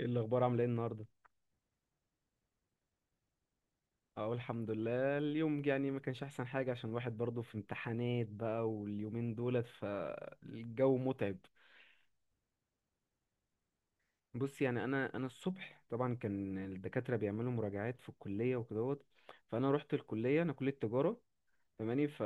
ايه الاخبار، عامله ايه النهارده؟ اقول الحمد لله اليوم، يعني ما كانش احسن حاجه عشان الواحد برضه في امتحانات بقى، واليومين دولت فالجو متعب. بص، يعني انا الصبح طبعا كان الدكاتره بيعملوا مراجعات في الكليه وكدهوت. فانا رحت الكليه، انا كليه تجاره. فاهماني؟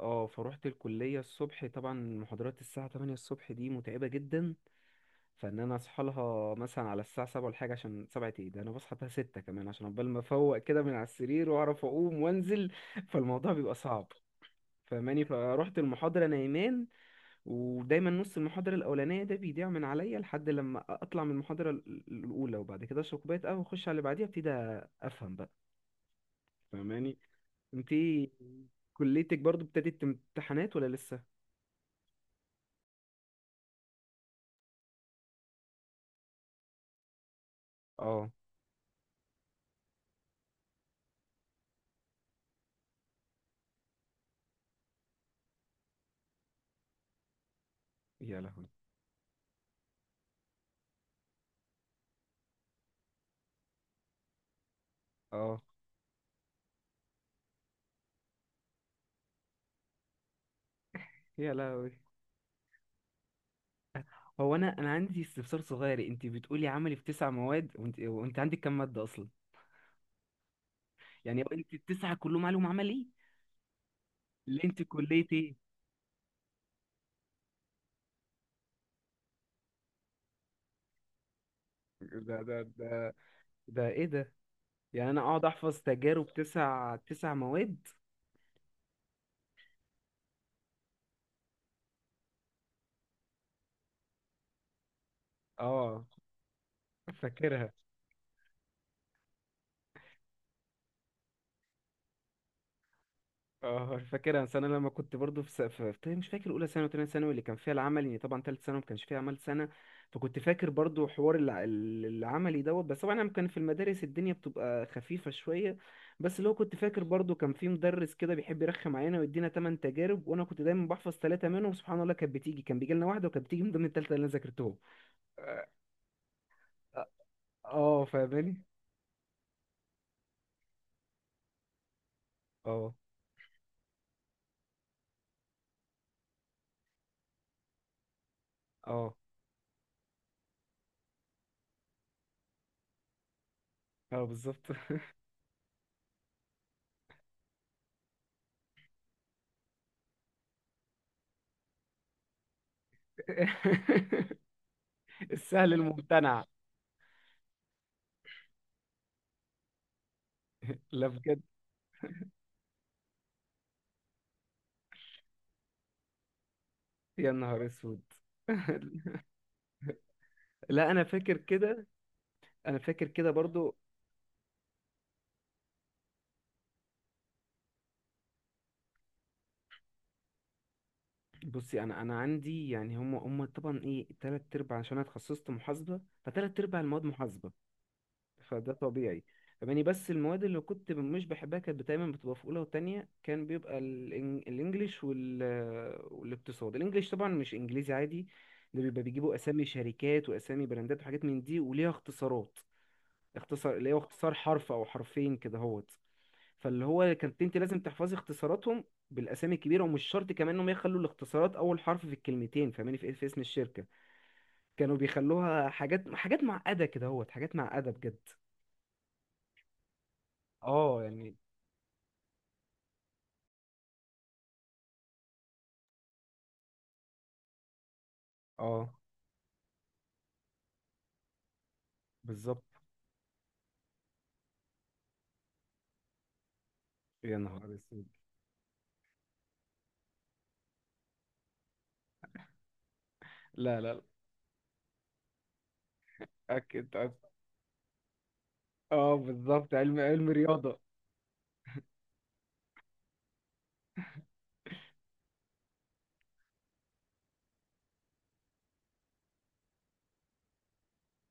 اه فروحت الكليه الصبح. طبعا محاضرات الساعه 8 الصبح دي متعبه جدا. انا اصحى لها مثلا على الساعه 7 ولا حاجه، عشان 7 ايه ده؟ انا بصحى بقى 6 كمان عشان عقبال ما افوق كده من على السرير واعرف اقوم وانزل. فالموضوع بيبقى صعب. فروحت المحاضره نايمان. ودايما نص المحاضره الاولانيه ده بيضيع من عليا لحد لما اطلع من المحاضره الاولى، وبعد كده اشرب كوبايه قهوه واخش على اللي بعديها ابتدي افهم بقى. فاهماني؟ انتي كليتك برضو ابتدت امتحانات ولا لسه؟ اه. يا لهوي. اه. يا لهوي. هو انا عندي استفسار صغير، انت بتقولي عملي في تسع مواد، وانت عندك كام ماده اصلا؟ يعني هو انت التسعه كلهم علوم عملي؟ اللي انت كليه ايه؟ ده ده ده ده ايه ده؟ يعني انا اقعد احفظ تجارب تسع مواد؟ اه، فاكرها. اه، فاكرها. بس انا لما كنت برضو في, س... في... في... مش فاكر اولى ثانوي وثانيه ثانوي اللي كان فيها العمل، يعني طبعا ثالث ثانوي ما كانش فيها عمل سنه. فكنت فاكر برضو حوار العملي دوت، بس طبعا انا كان في المدارس الدنيا بتبقى خفيفه شويه. بس اللي هو كنت فاكر برضو، كان في مدرس كده بيحب يرخم علينا ويدينا ثمان تجارب، وانا كنت دايما بحفظ ثلاثه منهم. سبحان الله كانت بتيجي، كان بيجي لنا واحده وكانت بتيجي من ضمن الثالثه اللي انا ذاكرتهم. اه. آه، فاهماني. اه. اه. اه، بالظبط. السهل الممتنع. لا، بجد. يا نهار اسود. لا انا فاكر كده. انا فاكر كده برضو. بصي، انا عندي يعني هم طبعا ايه تلات ارباع، عشان انا اتخصصت محاسبه، فتلات ارباع المواد محاسبه. فده طبيعي. يعني بس المواد اللي كنت مش بحبها كانت دايما بتبقى في اولى وتانية، كان بيبقى الانجليش والاقتصاد. الانجليش طبعا مش انجليزي عادي، ده بيبقى بيجيبوا اسامي شركات واسامي براندات وحاجات من دي وليها اختصارات. اختصار، اللي هو اختصار حرف او حرفين كده هو. فاللي هو كانت انت لازم تحفظي اختصاراتهم بالاسامي الكبيره، ومش شرط كمان انهم يخلوا الاختصارات اول حرف في الكلمتين، فاهماني في إيه؟ في اسم الشركه. كانوا بيخلوها حاجات معقده كده اهوت، حاجات معقده بجد. اه، يعني. اه، بالظبط. يا نهار اسود. لا لا لا. اكيد أك- اه، بالظبط. علم رياضة.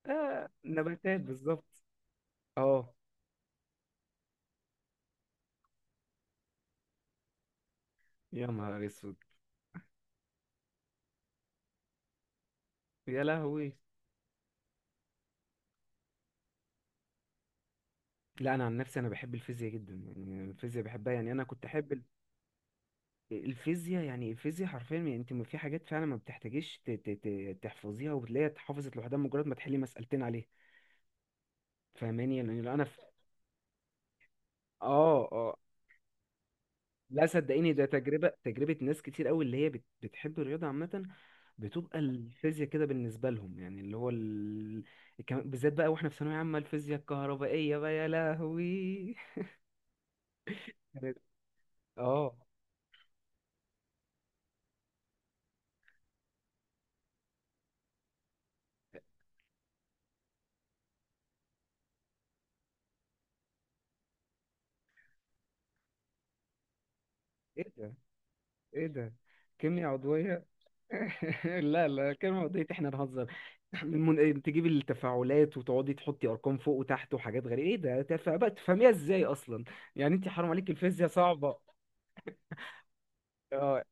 آه نباتات بالظبط. اه. يا نهار اسود. يا لهوي. لا، انا عن نفسي انا بحب الفيزياء جدا، يعني الفيزياء بحبها، يعني انا كنت احب الفيزياء. يعني الفيزياء حرفيا، يعني انت في حاجات فعلا ما بتحتاجيش تحفظيها، وبتلاقيها اتحفظت لوحدها مجرد ما تحلي مسألتين عليها. فاهماني؟ يعني لو انا اه، اه. لا صدقيني، ده تجربة ناس كتير قوي اللي هي بتحب الرياضة عامة. بتبقى الفيزياء كده بالنسبة لهم، يعني اللي هو بالذات بقى واحنا في ثانوية عامة الفيزياء الكهربائية بقى يا لهوي. كانت- اه. ايه ده؟ ايه ده؟ كيمياء عضوية. لا لا، كيمياء عضوية احنا نهزر؟ تجيبي التفاعلات وتقعدي تحطي ارقام فوق وتحت وحاجات غريبه ايه ده، بقى تفهميها ازاي اصلا؟ يعني انت حرام عليك، الفيزياء صعبه. آه،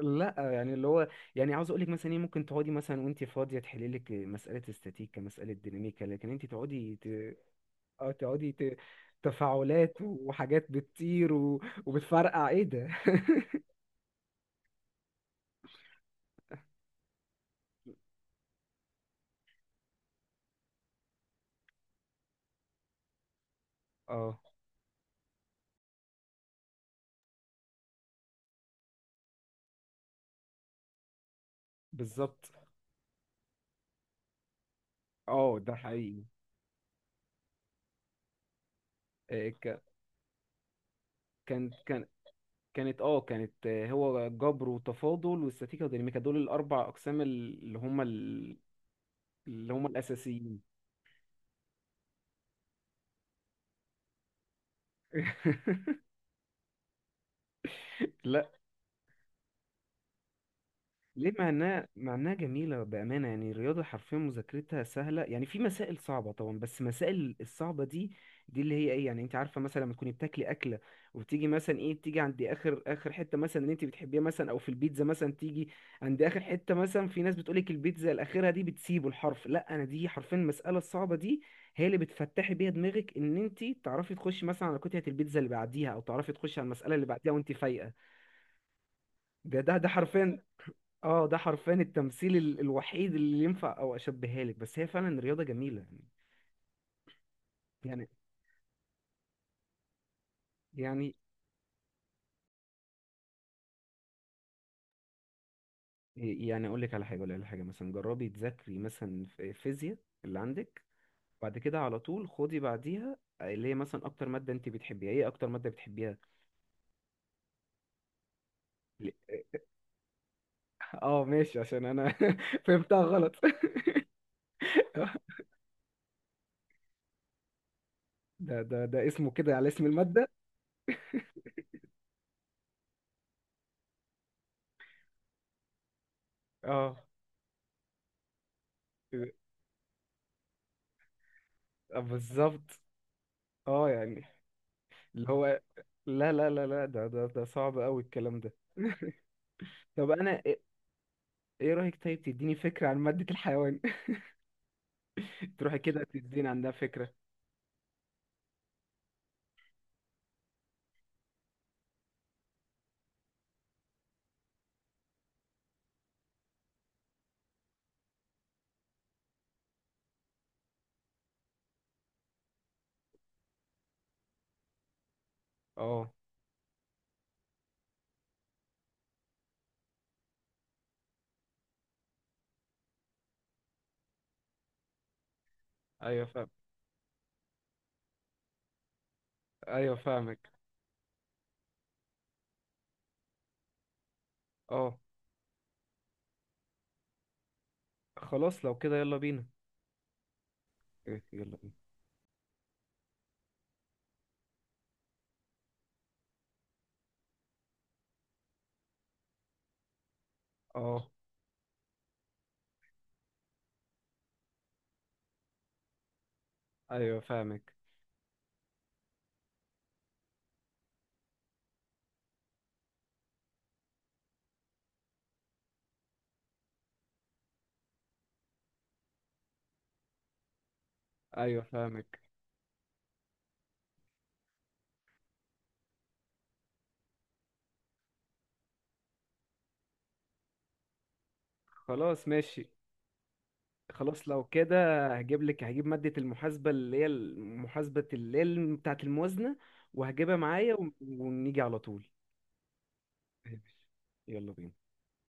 لا. يعني اللي هو، يعني عاوز اقول لك مثلا ايه، ممكن تقعدي مثلا وانت فاضيه تحلي لك مساله استاتيكا، مساله ديناميكا، لكن انت آه، تقعدي ت... تفاعلات وحاجات بتطير وبتفرقع ايه ده. اه، بالظبط. اه، ده حقيقي. إيه، ك- كان كانت، كانت هو جبر وتفاضل واستاتيكا وديناميكا، دول الاربع اقسام اللي هم اللي هم الاساسيين. لا. ليه؟ معناه جميلة بأمانة، يعني الرياضة حرفيا مذاكرتها سهلة، يعني في مسائل صعبة طبعا، بس مسائل الصعبة دي، دي اللي هي ايه، يعني انت عارفة مثلا لما تكوني بتاكلي أكلة، وبتيجي مثلا ايه، بتيجي عند آخر آخر حتة مثلا اللي انت بتحبيها، مثلا أو في البيتزا مثلا تيجي عند آخر حتة، مثلا في ناس بتقولك البيتزا الأخيرة دي بتسيبه الحرف، لا أنا دي حرفيا المسألة الصعبة دي هي اللي بتفتحي بيها دماغك، إن انت تعرفي تخشي مثلا على قطعة البيتزا اللي بعديها، أو تعرفي تخشي على المسألة اللي بعديها وانت فايقة. ده ده ده حرفيا. اه، ده حرفيا التمثيل الوحيد اللي ينفع، او اشبهها لك، بس هي فعلا رياضه جميله يعني يعني اقول لك على حاجه، مثلا جربي تذاكري مثلا في فيزياء اللي عندك، بعد كده على طول خدي بعديها اللي هي مثلا اكتر ماده انت بتحبيها. ايه اكتر ماده بتحبيها؟ ل- اه، ماشي، عشان انا فهمتها غلط. ده ده ده اسمه كده على اسم الماده. اه. آه، بالظبط. اه، يعني اللي هو. لا لا لا لا، ده ده ده صعب قوي الكلام ده. طب انا، ايه رأيك طيب تديني فكرة عن مادة الحيوان؟ تروحي كده تديني عندها فكرة. اه. ايوه فاهم. ايوه فاهمك. اه، خلاص لو كده يلا بينا. إيه، يلا بينا. اه. ايوه فاهمك. ايوه فاهمك. خلاص ماشي. خلاص لو كده هجيب لك، هجيب مادة المحاسبة اللي هي محاسبة اللي هي بتاعة الموازنة، وهجيبها معايا ونيجي على طول. ماشي. يلا بينا.